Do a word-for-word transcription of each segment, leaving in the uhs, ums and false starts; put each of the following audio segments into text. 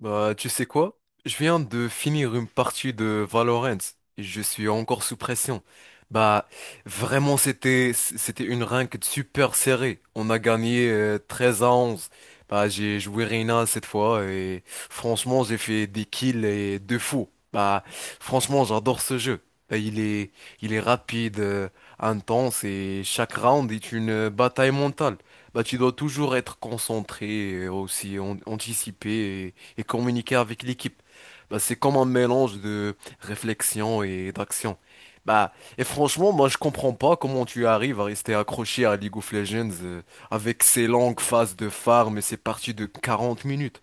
Bah, tu sais quoi? Je viens de finir une partie de Valorant. Je suis encore sous pression. Bah, Vraiment, c'était, c'était une ranked super serrée. On a gagné euh, treize à onze. Bah, j'ai joué Reyna cette fois et franchement, j'ai fait des kills et deux fous. Bah, franchement, j'adore ce jeu. Bah, il est, il est rapide, euh, intense, et chaque round est une euh, bataille mentale. Bah, tu dois toujours être concentré, et aussi an- anticiper et communiquer avec l'équipe. Bah, c'est comme un mélange de réflexion et d'action. Bah, et franchement, moi, je comprends pas comment tu arrives à rester accroché à League of Legends, euh, avec ces longues phases de farm et ces parties de quarante minutes.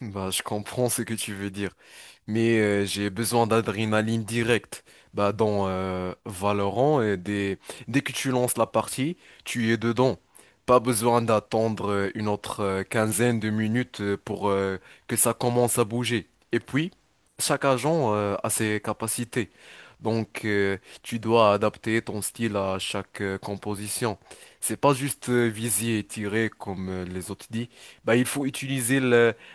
Bah, je comprends ce que tu veux dire, mais euh, j'ai besoin d'adrénaline directe. Bah, dans euh, Valorant, euh, dès, dès que tu lances la partie, tu es dedans. Pas besoin d'attendre euh, une autre euh, quinzaine de minutes euh, pour euh, que ça commence à bouger. Et puis, chaque agent euh, a ses capacités. Donc, euh, tu dois adapter ton style à chaque euh, composition. C'est pas juste euh, viser et tirer comme euh, les autres disent. Bah, il faut utiliser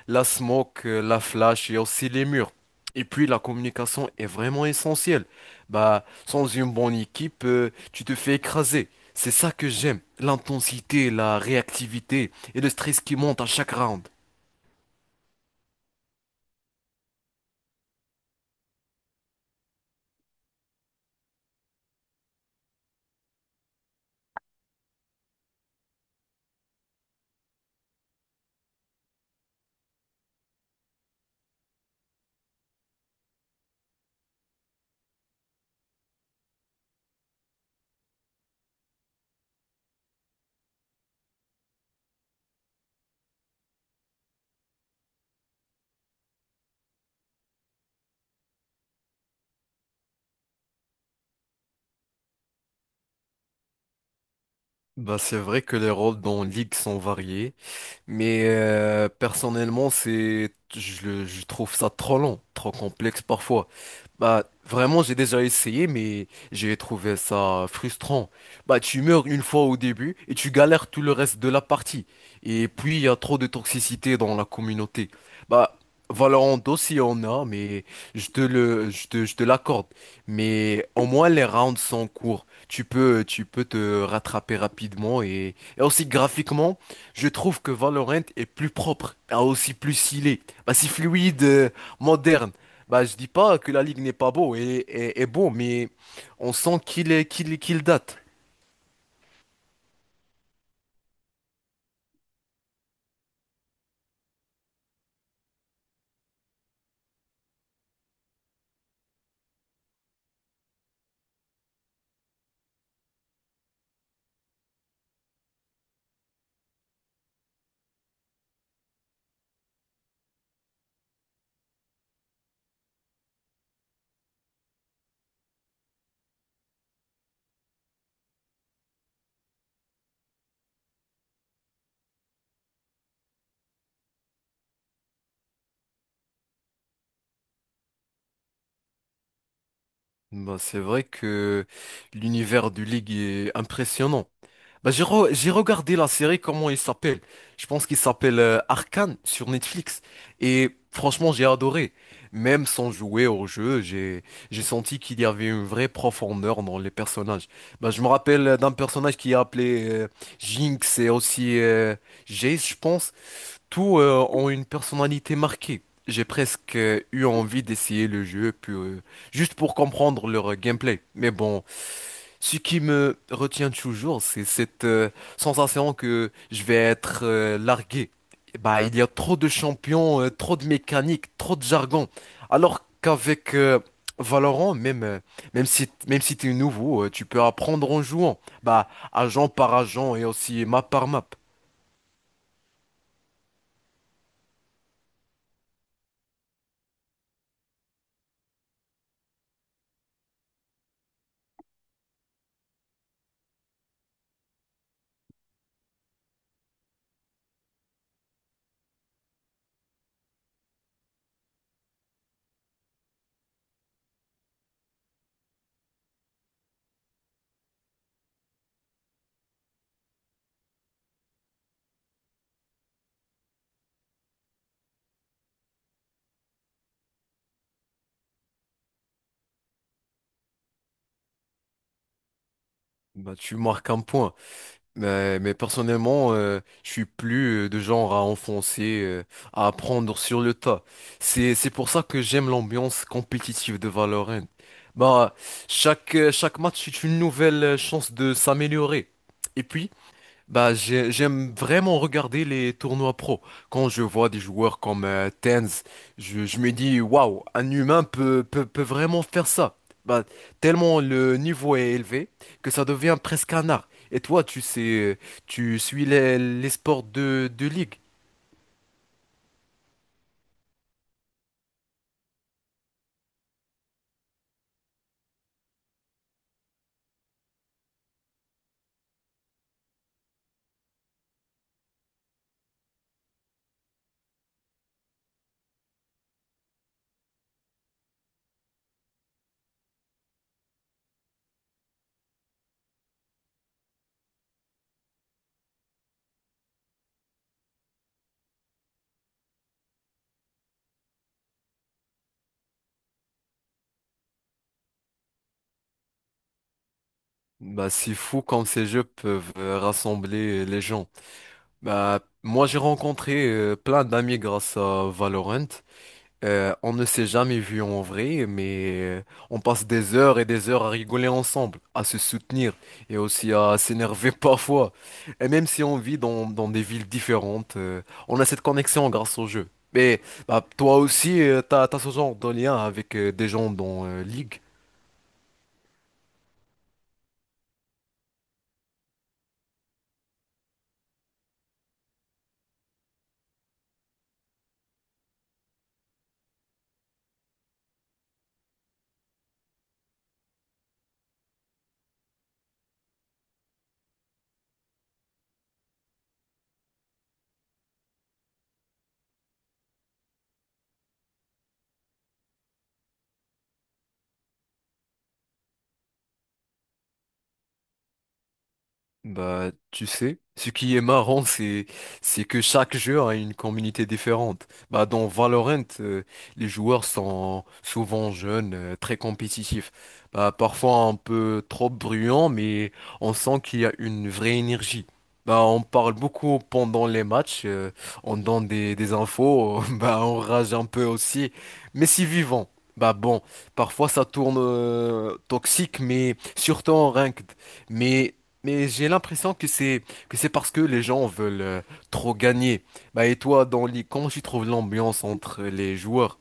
la smoke, euh, la flash, il y a aussi les murs. Et puis la communication est vraiment essentielle. Bah, sans une bonne équipe, euh, tu te fais écraser. C'est ça que j'aime, l'intensité, la réactivité et le stress qui monte à chaque round. Bah, c'est vrai que les rôles dans League sont variés, mais euh, personnellement, c'est, je, le- je trouve ça trop long, trop complexe parfois. Bah, vraiment, j'ai déjà essayé, mais j'ai trouvé ça frustrant. Bah, tu meurs une fois au début et tu galères tout le reste de la partie. Et puis, il y a trop de toxicité dans la communauté. Bah, Valorant aussi en a, mais je te le, je te, je te l'accorde. Mais au moins, les rounds sont courts. Tu peux, tu peux te rattraper rapidement et, et aussi graphiquement. Je trouve que Valorant est plus propre, a aussi plus stylé. Bah, c'est fluide, euh, moderne. Bah, je dis pas que la ligue n'est pas beau et, est et beau, mais on sent qu'il est qu'il qu'il date. Bah, c'est vrai que l'univers du ligue est impressionnant. Bah, j'ai re- j'ai regardé la série, comment il s'appelle? Je pense qu'il s'appelle euh, Arcane sur Netflix. Et franchement, j'ai adoré. Même sans jouer au jeu, j'ai j'ai senti qu'il y avait une vraie profondeur dans les personnages. Bah, je me rappelle d'un personnage qui est appelé euh, Jinx et aussi euh, Jace, je pense. Tous euh, ont une personnalité marquée. J'ai presque euh, eu envie d'essayer le jeu, puis, euh, juste pour comprendre leur euh, gameplay. Mais bon, ce qui me retient toujours, c'est cette euh, sensation que je vais être euh, largué. Bah, il y a trop de champions, euh, trop de mécaniques, trop de jargon. Alors qu'avec euh, Valorant, même, euh, même si, même si t'es nouveau, euh, tu peux apprendre en jouant. Bah, agent par agent et aussi map par map. Bah, tu marques un point. Mais, mais personnellement, euh, je suis plus euh, de genre à enfoncer, euh, à apprendre sur le tas. C'est, c'est pour ça que j'aime l'ambiance compétitive de Valorant. Bah, chaque, euh, Chaque match est une nouvelle euh, chance de s'améliorer. Et puis, bah, j'ai- j'aime vraiment regarder les tournois pro. Quand je vois des joueurs comme euh, Tenz, je, je me dis, waouh, un humain peut, peut, peut vraiment faire ça. Bah, Tellement le niveau est élevé que ça devient presque un art. Et toi, tu sais, tu suis les, les sports de, de ligue. Bah, c'est fou comme ces jeux peuvent euh, rassembler les gens. Bah, moi, j'ai rencontré euh, plein d'amis grâce à Valorant. Euh, on ne s'est jamais vu en vrai, mais euh, on passe des heures et des heures à rigoler ensemble, à se soutenir et aussi à s'énerver parfois. Et même si on vit dans, dans des villes différentes, euh, on a cette connexion grâce au jeu. Mais bah, toi aussi, euh, t'as, t'as ce genre de lien avec euh, des gens dans euh, League. Bah, tu sais, ce qui est marrant, c'est c'est que chaque jeu a une communauté différente. Bah, dans Valorant, euh, les joueurs sont souvent jeunes, euh, très compétitifs. Bah, parfois un peu trop bruyants, mais on sent qu'il y a une vraie énergie. Bah, on parle beaucoup pendant les matchs, euh, on donne des, des infos, bah, on rage un peu aussi, mais si vivant. Bah bon, parfois ça tourne euh, toxique, mais surtout en ranked. Mais mais j'ai l'impression que c'est que c'est parce que les gens veulent euh, trop gagner. Bah et toi dans les, comment tu trouves l'ambiance entre les joueurs?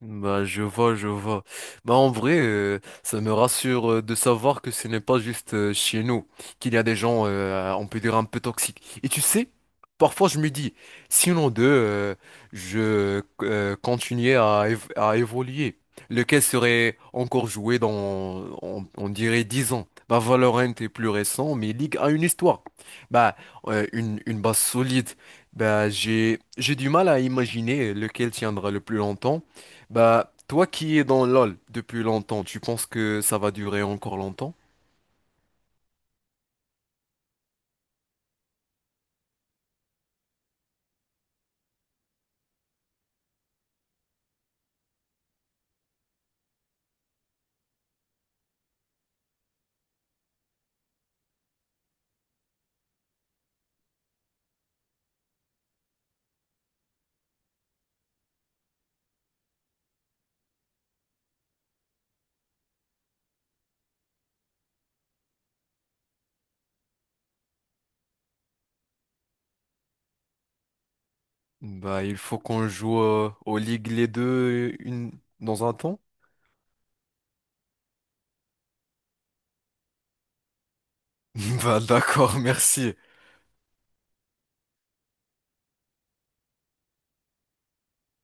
Bah, je vois, je vois. Bah, en vrai, euh, ça me rassure euh, de savoir que ce n'est pas juste euh, chez nous, qu'il y a des gens, euh, on peut dire, un peu toxiques. Et tu sais, parfois je me dis, sinon d'eux, euh, je euh, continuais à, év- à évoluer, lequel serait encore joué dans, on, on dirait, dix ans. Bah, Valorant est plus récent, mais League a une histoire. Bah, euh, une, une base solide. Bah, j'ai, j'ai du mal à imaginer lequel tiendra le plus longtemps. Bah, toi qui es dans LoL depuis longtemps, tu penses que ça va durer encore longtemps? Bah, il faut qu'on joue euh, aux ligues les deux une... dans un temps? Bah, d'accord, merci.